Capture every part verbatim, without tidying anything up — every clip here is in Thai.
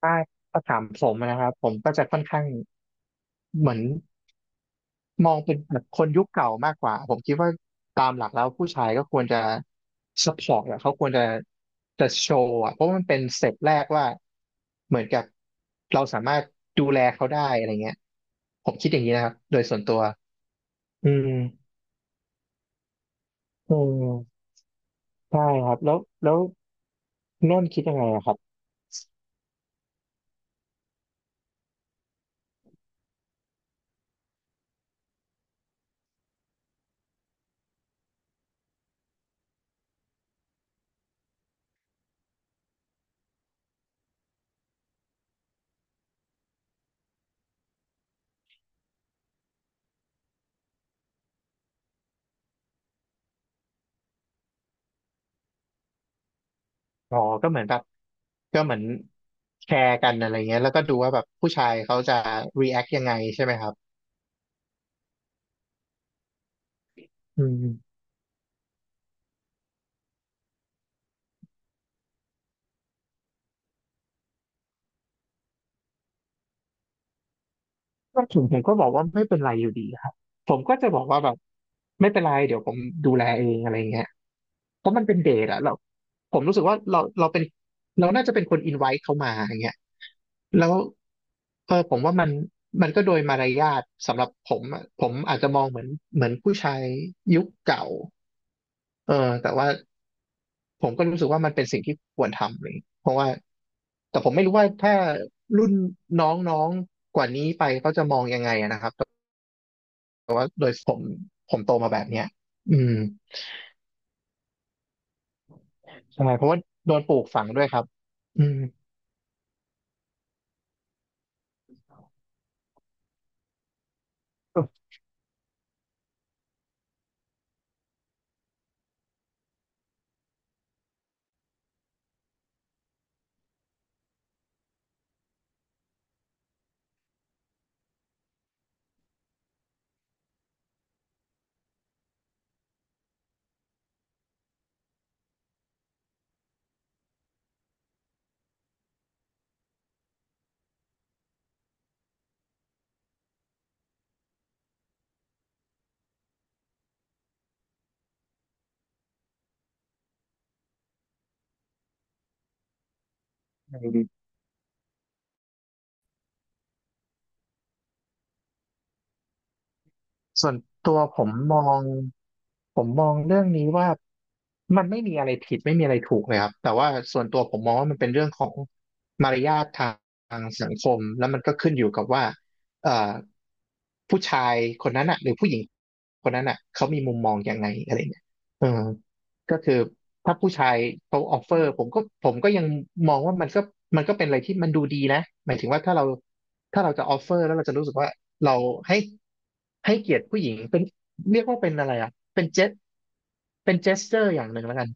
ใช่ถ้าถามผมนะครับผมก็จะค่อนข้างเหมือนมองเป็นแบบคนยุคเก่ามากกว่าผมคิดว่าตามหลักแล้วผู้ชายก็ควรจะสปอร์ตอะเขาควรจะจะโชว์อะเพราะมันเป็นสเต็ปแรกว่าเหมือนกับเราสามารถดูแลเขาได้อะไรเงี้ยผมคิดอย่างนี้นะครับโดยส่วนตัวอืมอืมใช่ครับแล้วแล้วนนท์คิดยังไงอะครับ อ๋อก็เหมือนแบบก็เหมือนแชร์กันอะไรเงี้ยแล้วก็ดูว่าแบบผู้ชายเขาจะ react ยังไงใช่ไหมครับอืมก็ผมผมก็บอกว่าไม่เป็นไรอยู่ดีครับผมก็จะบอกว่าแบบไม่เป็นไรเดี๋ยวผมดูแลเองอะไรเงี้ยเพราะมันเป็นเดทอะเราผมรู้สึกว่าเราเราเป็นเราน่าจะเป็นคนอินไว e เขามาอย่างเงี้ยแล้วเออผมว่ามันมันก็โดยมารยาทสำหรับผมอะผมอาจจะมองเหมือนเหมือนผู้ชายยุคเก่าเออแต่ว่า ผมก็รู้สึกว่ามันเป็นสิ่งที่ควรทำเลย เพราะว่าแต่ผมไม่รู้ว่าถ้ารุ่นน้องๆกว่านี้ไปเขาจะมองยังไงอะนะครับแต่ว่าโดยผมผมโตมาแบบเนี้ยอืมใช่เพราะว่าโดนปลูกฝังด้วยครับอืมยังไงดี ส่วนตัวผมมองผมมองเรื่องนี้ว่ามันไม่มีอะไรผิดไม่มีอะไรถูกเลยครับแต่ว่าส่วนตัวผมมองว่ามันเป็นเรื่องของมารยาททางสังคมแล้วมันก็ขึ้นอยู่กับว่าเอ่อผู้ชายคนนั้นอ่ะหรือผู้หญิงคนนั้นอ่ะเขามีมุมมองยังไงอะไรเนี่ยเออก็คือถ้าผู้ชายเขาออฟเฟอร์ผมก็ผมก็ยังมองว่ามันก็มันก็เป็นอะไรที่มันดูดีนะหมายถึงว่าถ้าเราถ้าเราจะออฟเฟอร์แล้วเราจะรู้สึกว่า เราให้ให้เกียรติผู้หญิงเป็นเรียกว่าเป็นอะไรอ่ะเป็นเจสเป็นเจสเจอร์อย่างหนึ่งแล้วกัน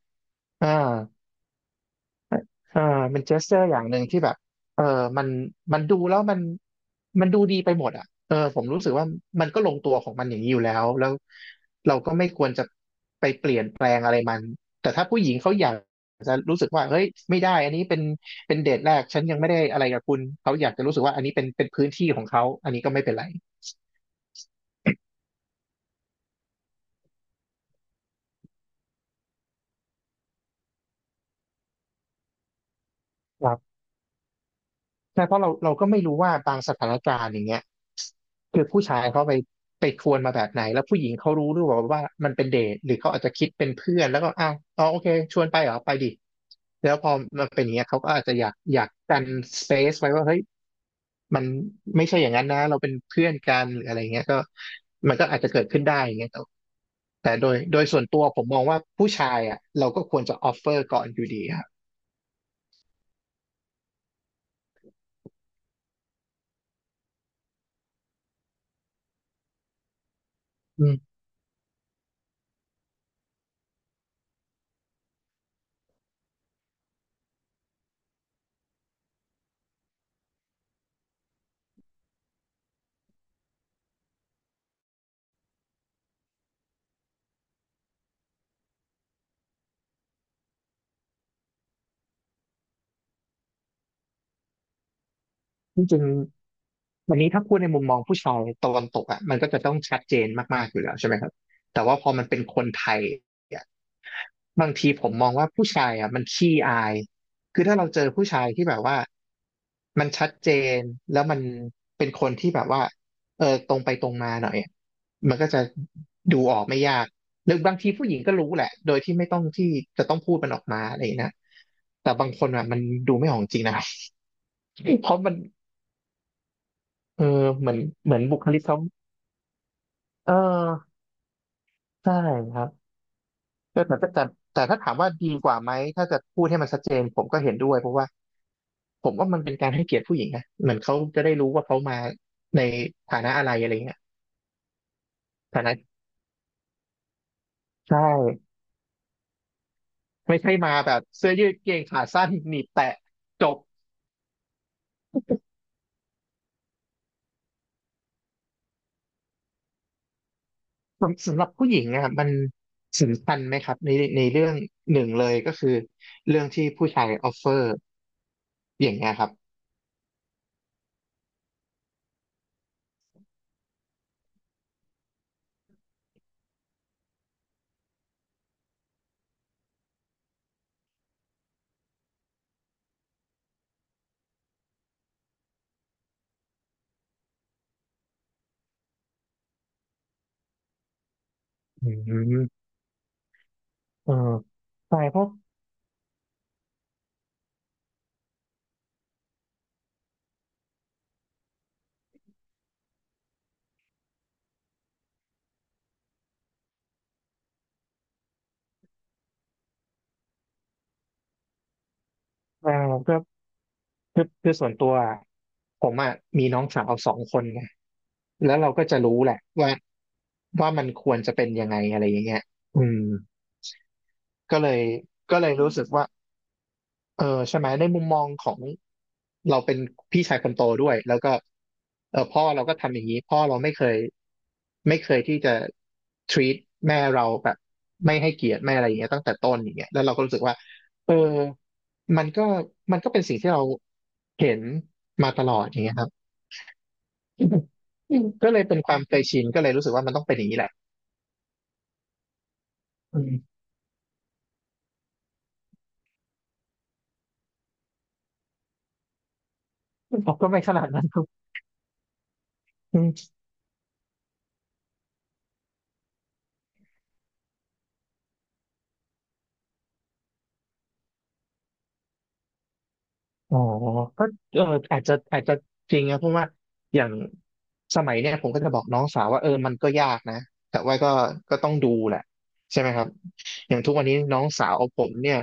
อ่าอ่าเป็นเจสเจอร์อย่างหนึ่งที่แบบเออมันมันดูแล้วมันมันดูดีไปหมดอ่ะเออผมรู้สึกว่ามันก็ลงตัวของมันอย่างนี้อยู่แล้วแล้วเราก็ไม่ควรจะไปเปลี่ยนแปลงอะไรมันแต่ถ้าผู้หญิงเขาอยากจะรู้สึกว่าเฮ้ยไม่ได้อันนี้เป็นเป็นเดทแรกฉันยังไม่ได้อะไรกับคุณเขาอยากจะรู้สึกว่าอันนี้เป็นเป็นพื้นที่ของเขาอันนี้ก็ไม่เป็นไร ใช่เพราะเราเราก็ไม่รู้ว่าบางสถานการณ์อย่างเงี้ยคือผู้ชายเขาไปไปชวนมาแบบไหนแล้วผู้หญิงเขารู้หรือเปล่าว่ามันเป็นเดทหรือเขาอาจจะคิดเป็นเพื่อนแล้วก็อ้าวอ๋อโอเคชวนไปเหรอไปดิแล้วพอมันเป็นอย่างเงี้ยเขาก็อาจจะอยากอยากกันสเปซไว้ว่าเฮ้ยมันไม่ใช่อย่างนั้นนะเราเป็นเพื่อนกันหรืออะไรเงี้ยก็มันก็อาจจะเกิดขึ้นได้อย่างเงี้ยแต่แต่โดยโดยส่วนตัวผมมองว่าผู้ชายอ่ะเราก็ควรจะออฟเฟอร์ก่อนอยู่ดีครับอืมจริง วันนี้ถ้าพูดในมุมมองผู้ชายตะวันตกอ่ะมันก็จะต้องชัดเจนมากๆอยู่แล้วใช่ไหมครับแต่ว่าพอมันเป็นคนไทยอ่ะบางทีผมมองว่าผู้ชายอ่ะมันขี้อายคือถ้าเราเจอผู้ชายที่แบบว่ามันชัดเจนแล้วมันเป็นคนที่แบบว่าเออตรงไปตรงมาหน่อยอะมันก็จะดูออกไม่ยากหรือบางทีผู้หญิงก็รู้แหละโดยที่ไม่ต้องที่จะต้องพูดมันออกมาอะไรอย่างนี้ยนะแต่บางคนอ่ะมันดูไม่ออกจริงนะ ครับเพราะมันเออเหมือนเหมือนบุคลิกเขา เออใช่ครับแต่แต่แต่แต่ถ้าถามว่าดีกว่าไหมถ้าจะพูดให้มันชัดเจนผมก็เห็นด้วยเพราะว่าผมว่ามันเป็นการให้เกียรติผู้หญิงนะเหมือนเขาจะได้รู้ว่าเขามาในฐานะอะไรอะไรเงี้ยฐานะใช่ไม่ใช่มาแบบเสื้อยืดเกงขาสั้นหนีบแตะจบสำสำหรับผู้หญิงอ่ะมันสำคัญไหมครับในในเรื่องหนึ่งเลยก็คือเรื่องที่ผู้ชายออฟเฟอร์อย่างเงี้ยครับอืมเออใช่เพราะเออ คือคือส่วนตัวอะผมอ่ะมีน้องสาวสองคนไงแล้วเราก็จะรู้แหละว่าว่ามันควรจะเป็นยังไงอะไรอย่างเงี้ยอืมก็เลยก็เลยรู้สึกว่า เออใช่ไหมในมุมมองของเราเป็นพี่ชายคนโตด้วยแล้วก็เออพ่อเราก็ทำอย่างนี้พ่อเราไม่เคยไม่เคยที่จะ treat แม่เราแบบไม่ให้เกียรติไม่อะไรอย่างเงี้ยตั้งแต่ต้นอย่างเงี้ยแล้วเราก็รู้สึกว่าเออมันก็มันก็เป็นสิ่งที่เราเห็นมาตลอดอย่างเงี้ยครับอืมก็เลยเป็นความเคยชินก็เลยรู้สึกว่ามันต้องเป็นอย่างนี้แหละอืมผมก็ไม่ขนาดนั้นครับ อ๋อก็เอออาจจะอาจจะจริงนะเพราะว่าอย่างสมัยเนี่ยผมก็จะบอกน้องสาวว่าเออมันก็ยากนะแต่ว่าก็ก็ต้องดูแหละใช่ไหมครับอย่างทุกวันนี้น้องสาวผมเนี่ย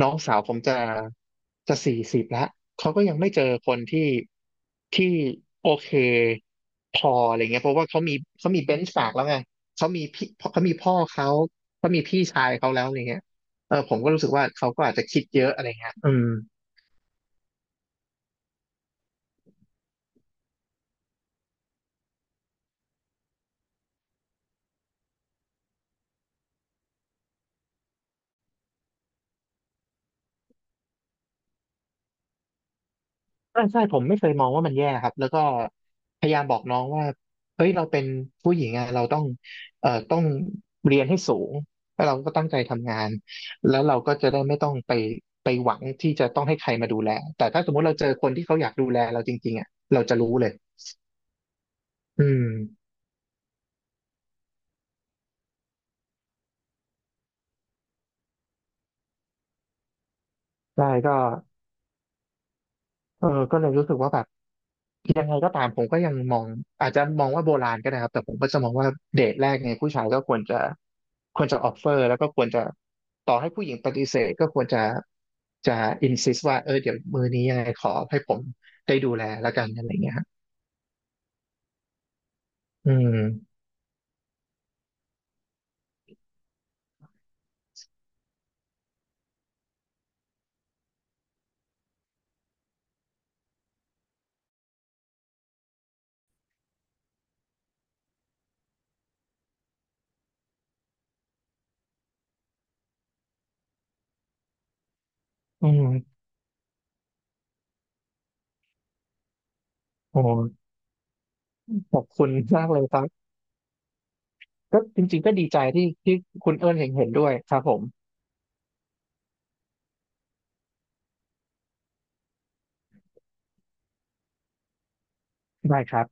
น้องสาวผมจะจะสี่สิบแล้วเขาก็ยังไม่เจอคนที่ที่โอเคพออะไรเงี้ยเพราะว่าเขามีเขามีเบนช์มาร์กแล้วไงเขามีพี่เขามีพ่อเขาเขามีพี่ชายเขาแล้วอะไรเงี้ยเออผมก็รู้สึกว่าเขาก็อาจจะคิดเยอะอะไรเงี้ยอืม ใช่ใช่ผมไม่เคยมองว่ามันแย่ครับแล้วก็พยายามบอกน้องว่าเฮ้ยเราเป็นผู้หญิงอะเราต้องเอ่อต้องเรียนให้สูงแล้วเราก็ตั้งใจทำงานแล้วเราก็จะได้ไม่ต้องไปไปหวังที่จะต้องให้ใครมาดูแลแต่ถ้าสมมติเราเจอคนที่เขาอยากดูแลเราจริงๆอ่ะเราจะรู้เลยอืมใช่ก็เออก็เลยรู้สึกว่าแบบ ยังไงก็ตามผมก็ยังมองอาจจะมองว่าโบราณก็ได้ครับแต่ผมก็จะมองว่าเดทแรกเนี่ยผู้ชายก็ควรจะควรจะออฟเฟอร์แล้วก็ควรจะต่อให้ผู้หญิงปฏิเสธก็ควรจะจะอินซิสว่าเออเดี๋ยวมือนี้ยังไงขอให้ผมได้ดูแลแล้วกันอะไรเงี้ยครับอืมอืมโอ้ขอบคุณมากเลยครับก็จริงๆก็ดีใจที่ที่คุณเอิญเห็นเห็นด้วยครับผมได้ครับ